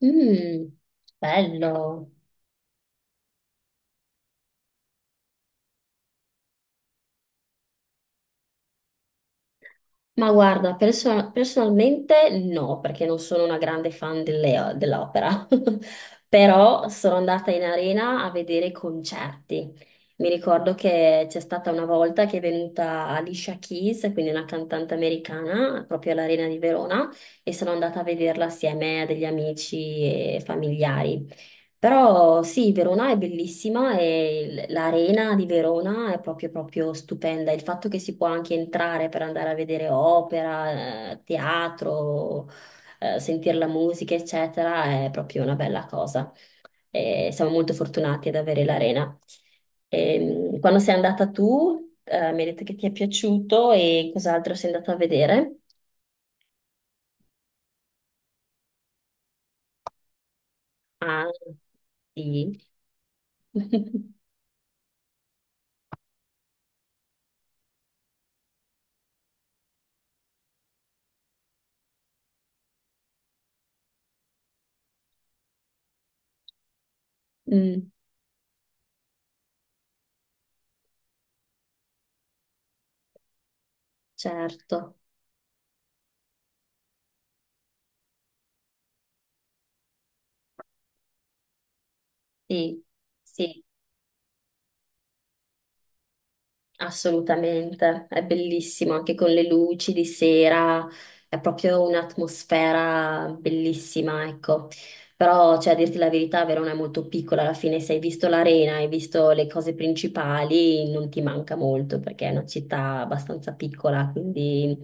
Mm, bello. Ma guarda, personalmente no, perché non sono una grande fan dell'opera, però sono andata in arena a vedere i concerti. Mi ricordo che c'è stata una volta che è venuta Alicia Keys, quindi una cantante americana, proprio all'Arena di Verona, e sono andata a vederla assieme a degli amici e familiari. Però sì, Verona è bellissima e l'arena di Verona è proprio, proprio stupenda. Il fatto che si può anche entrare per andare a vedere opera, teatro, sentire la musica, eccetera, è proprio una bella cosa. E siamo molto fortunati ad avere l'arena. Quando sei andata tu, mi hai detto che ti è piaciuto e cos'altro sei andata a vedere? Ah, sì. Mm, certo, sì, sì. Assolutamente, è bellissimo anche con le luci di sera, è proprio un'atmosfera bellissima, ecco. Però, cioè, a dirti la verità, Verona è molto piccola, alla fine se hai visto l'arena, hai visto le cose principali, non ti manca molto perché è una città abbastanza piccola, quindi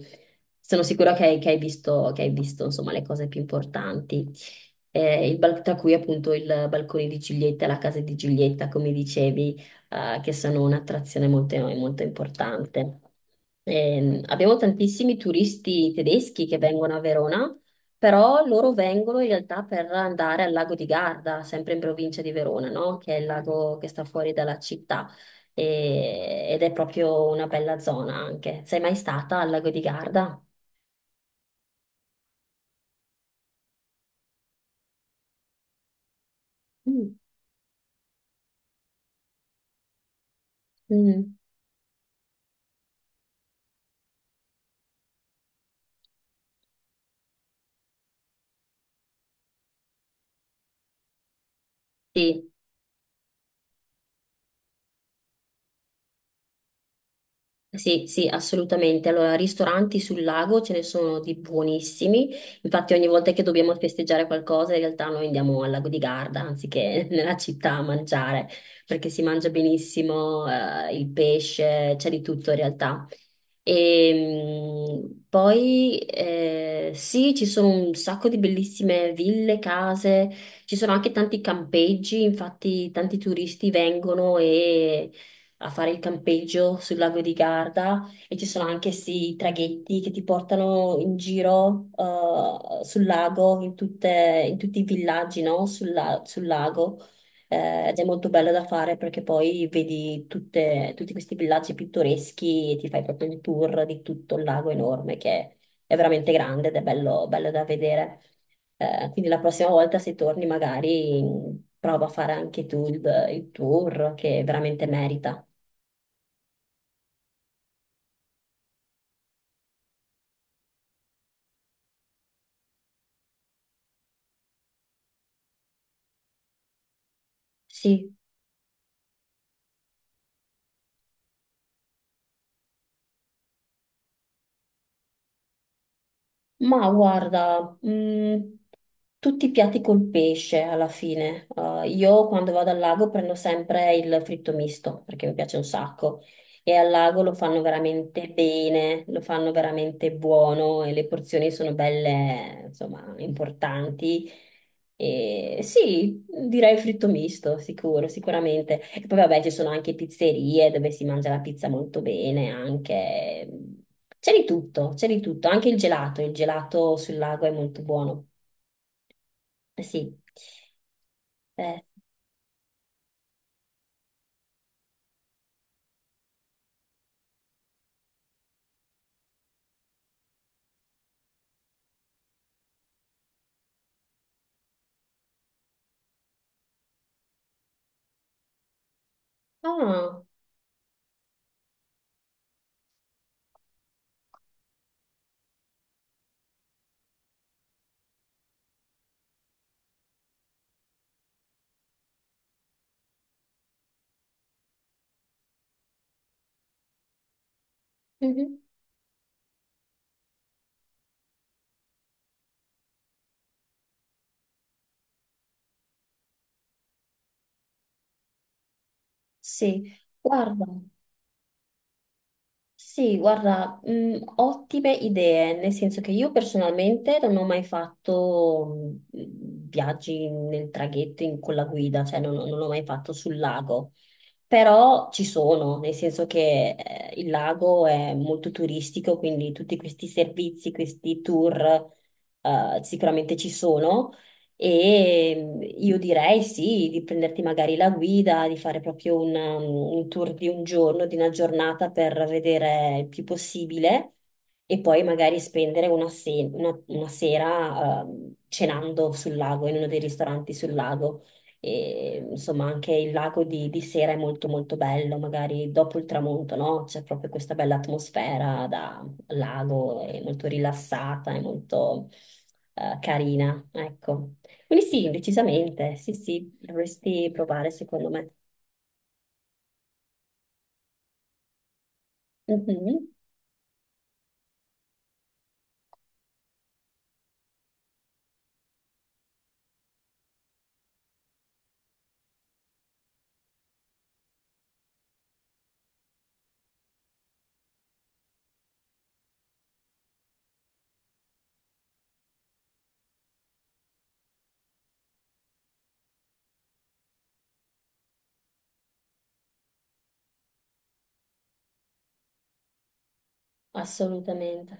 sono sicura che hai, che hai visto, insomma, le cose più importanti. Il tra cui appunto il Balcone di Giulietta, la casa di Giulietta, come dicevi che sono un'attrazione molto, molto importante. Abbiamo tantissimi turisti tedeschi che vengono a Verona, però loro vengono in realtà per andare al lago di Garda, sempre in provincia di Verona, no? Che è il lago che sta fuori dalla città. Ed è proprio una bella zona anche. Sei mai stata al lago di Garda? Mm. Mm, sì. Sì, sì, assolutamente. Allora, ristoranti sul lago ce ne sono di buonissimi. Infatti, ogni volta che dobbiamo festeggiare qualcosa, in realtà noi andiamo al lago di Garda anziché nella città a mangiare, perché si mangia benissimo, il pesce, c'è di tutto in realtà. E poi sì, ci sono un sacco di bellissime ville, case, ci sono anche tanti campeggi, infatti tanti turisti vengono e a fare il campeggio sul lago di Garda e ci sono anche questi traghetti che ti portano in giro sul lago, in tutti i villaggi, no? Sul lago. Ed è molto bello da fare perché poi vedi tutti questi villaggi pittoreschi e ti fai proprio il tour di tutto il lago enorme che è veramente grande ed è bello, bello da vedere. Quindi la prossima volta se torni magari mm, prova a fare anche tu il tour che veramente merita. Sì, ma guarda, tutti i piatti col pesce alla fine. Io quando vado al lago prendo sempre il fritto misto perché mi piace un sacco e al lago lo fanno veramente bene, lo fanno veramente buono e le porzioni sono belle, insomma, importanti. E sì, direi fritto misto, sicuro, sicuramente. E poi vabbè, ci sono anche pizzerie dove si mangia la pizza molto bene, anche. C'è di tutto, anche il gelato sul lago è molto buono. Eh, sì. Eh, ah, mhm. Sì, guarda. Sì, guarda, ottime idee, nel senso che io personalmente non ho mai fatto viaggi nel traghetto con la guida, cioè non l'ho mai fatto sul lago. Però ci sono, nel senso che il lago è molto turistico, quindi tutti questi servizi, questi tour sicuramente ci sono. E mm, io direi sì, di prenderti magari la guida, di fare proprio un, un tour di un giorno, di una giornata per vedere il più possibile e poi magari spendere una, una sera cenando sul lago, in uno dei ristoranti sul lago. E, insomma, anche il lago di sera è molto molto bello, magari dopo il tramonto, no? C'è proprio questa bella atmosfera da lago, è molto rilassata, è molto carina, ecco. Quindi sì, decisamente, sì, sì, dovresti provare secondo me. Mhm, assolutamente.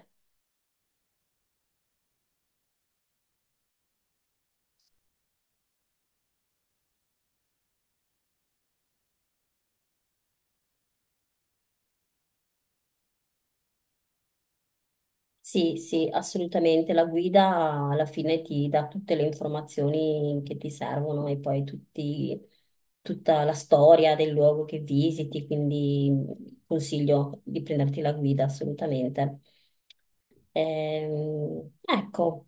Sì, sì, assolutamente. La guida alla fine ti dà tutte le informazioni che ti servono e poi tutta la storia del luogo che visiti, quindi consiglio di prenderti la guida assolutamente. Ecco.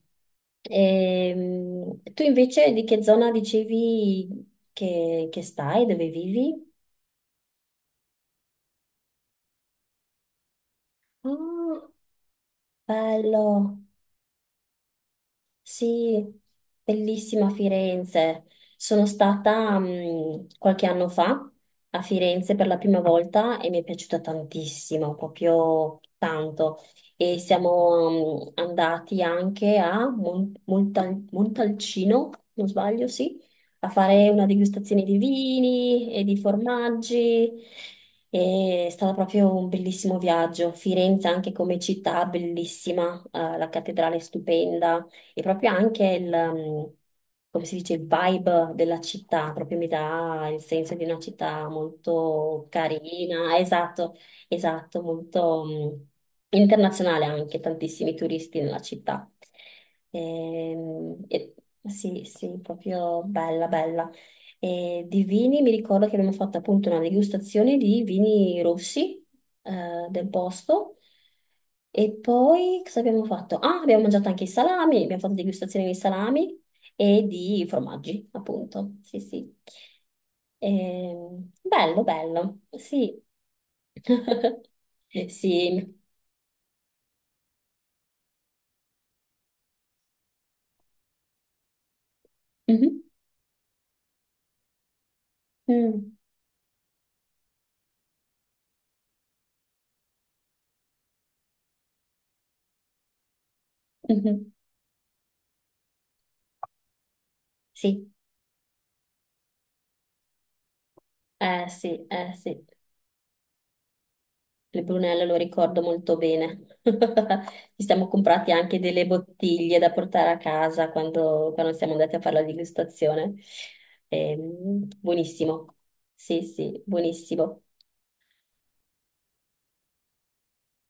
Tu invece di che zona dicevi che stai, dove vivi? Ah, bello. Sì, bellissima Firenze. Sono stata mm, qualche anno fa a Firenze per la prima volta e mi è piaciuta tantissimo, proprio tanto. E siamo mm, andati anche a Montalcino, non sbaglio, sì, a fare una degustazione di vini e di formaggi. È stato proprio un bellissimo viaggio. Firenze anche come città, bellissima, la cattedrale è stupenda e proprio anche come si dice, il vibe della città, proprio mi dà il senso di una città molto carina, esatto, esatto, molto internazionale anche, tantissimi turisti nella città. Ehm, e- sì, sì, proprio bella, bella. E di vini mi ricordo che abbiamo fatto appunto una degustazione di vini rossi del posto. E poi cosa abbiamo fatto? Ah, abbiamo mangiato anche i salami, abbiamo fatto degustazione di salami e di formaggi, appunto. Sì, sì. Bello, bello. Sì. Sì. Mhm. Mm. Mhm. Sì, eh sì, eh sì. Le Brunello lo ricordo molto bene. Ci siamo comprati anche delle bottiglie da portare a casa quando siamo andati a fare la degustazione. Buonissimo. Sì, sì, buonissimo.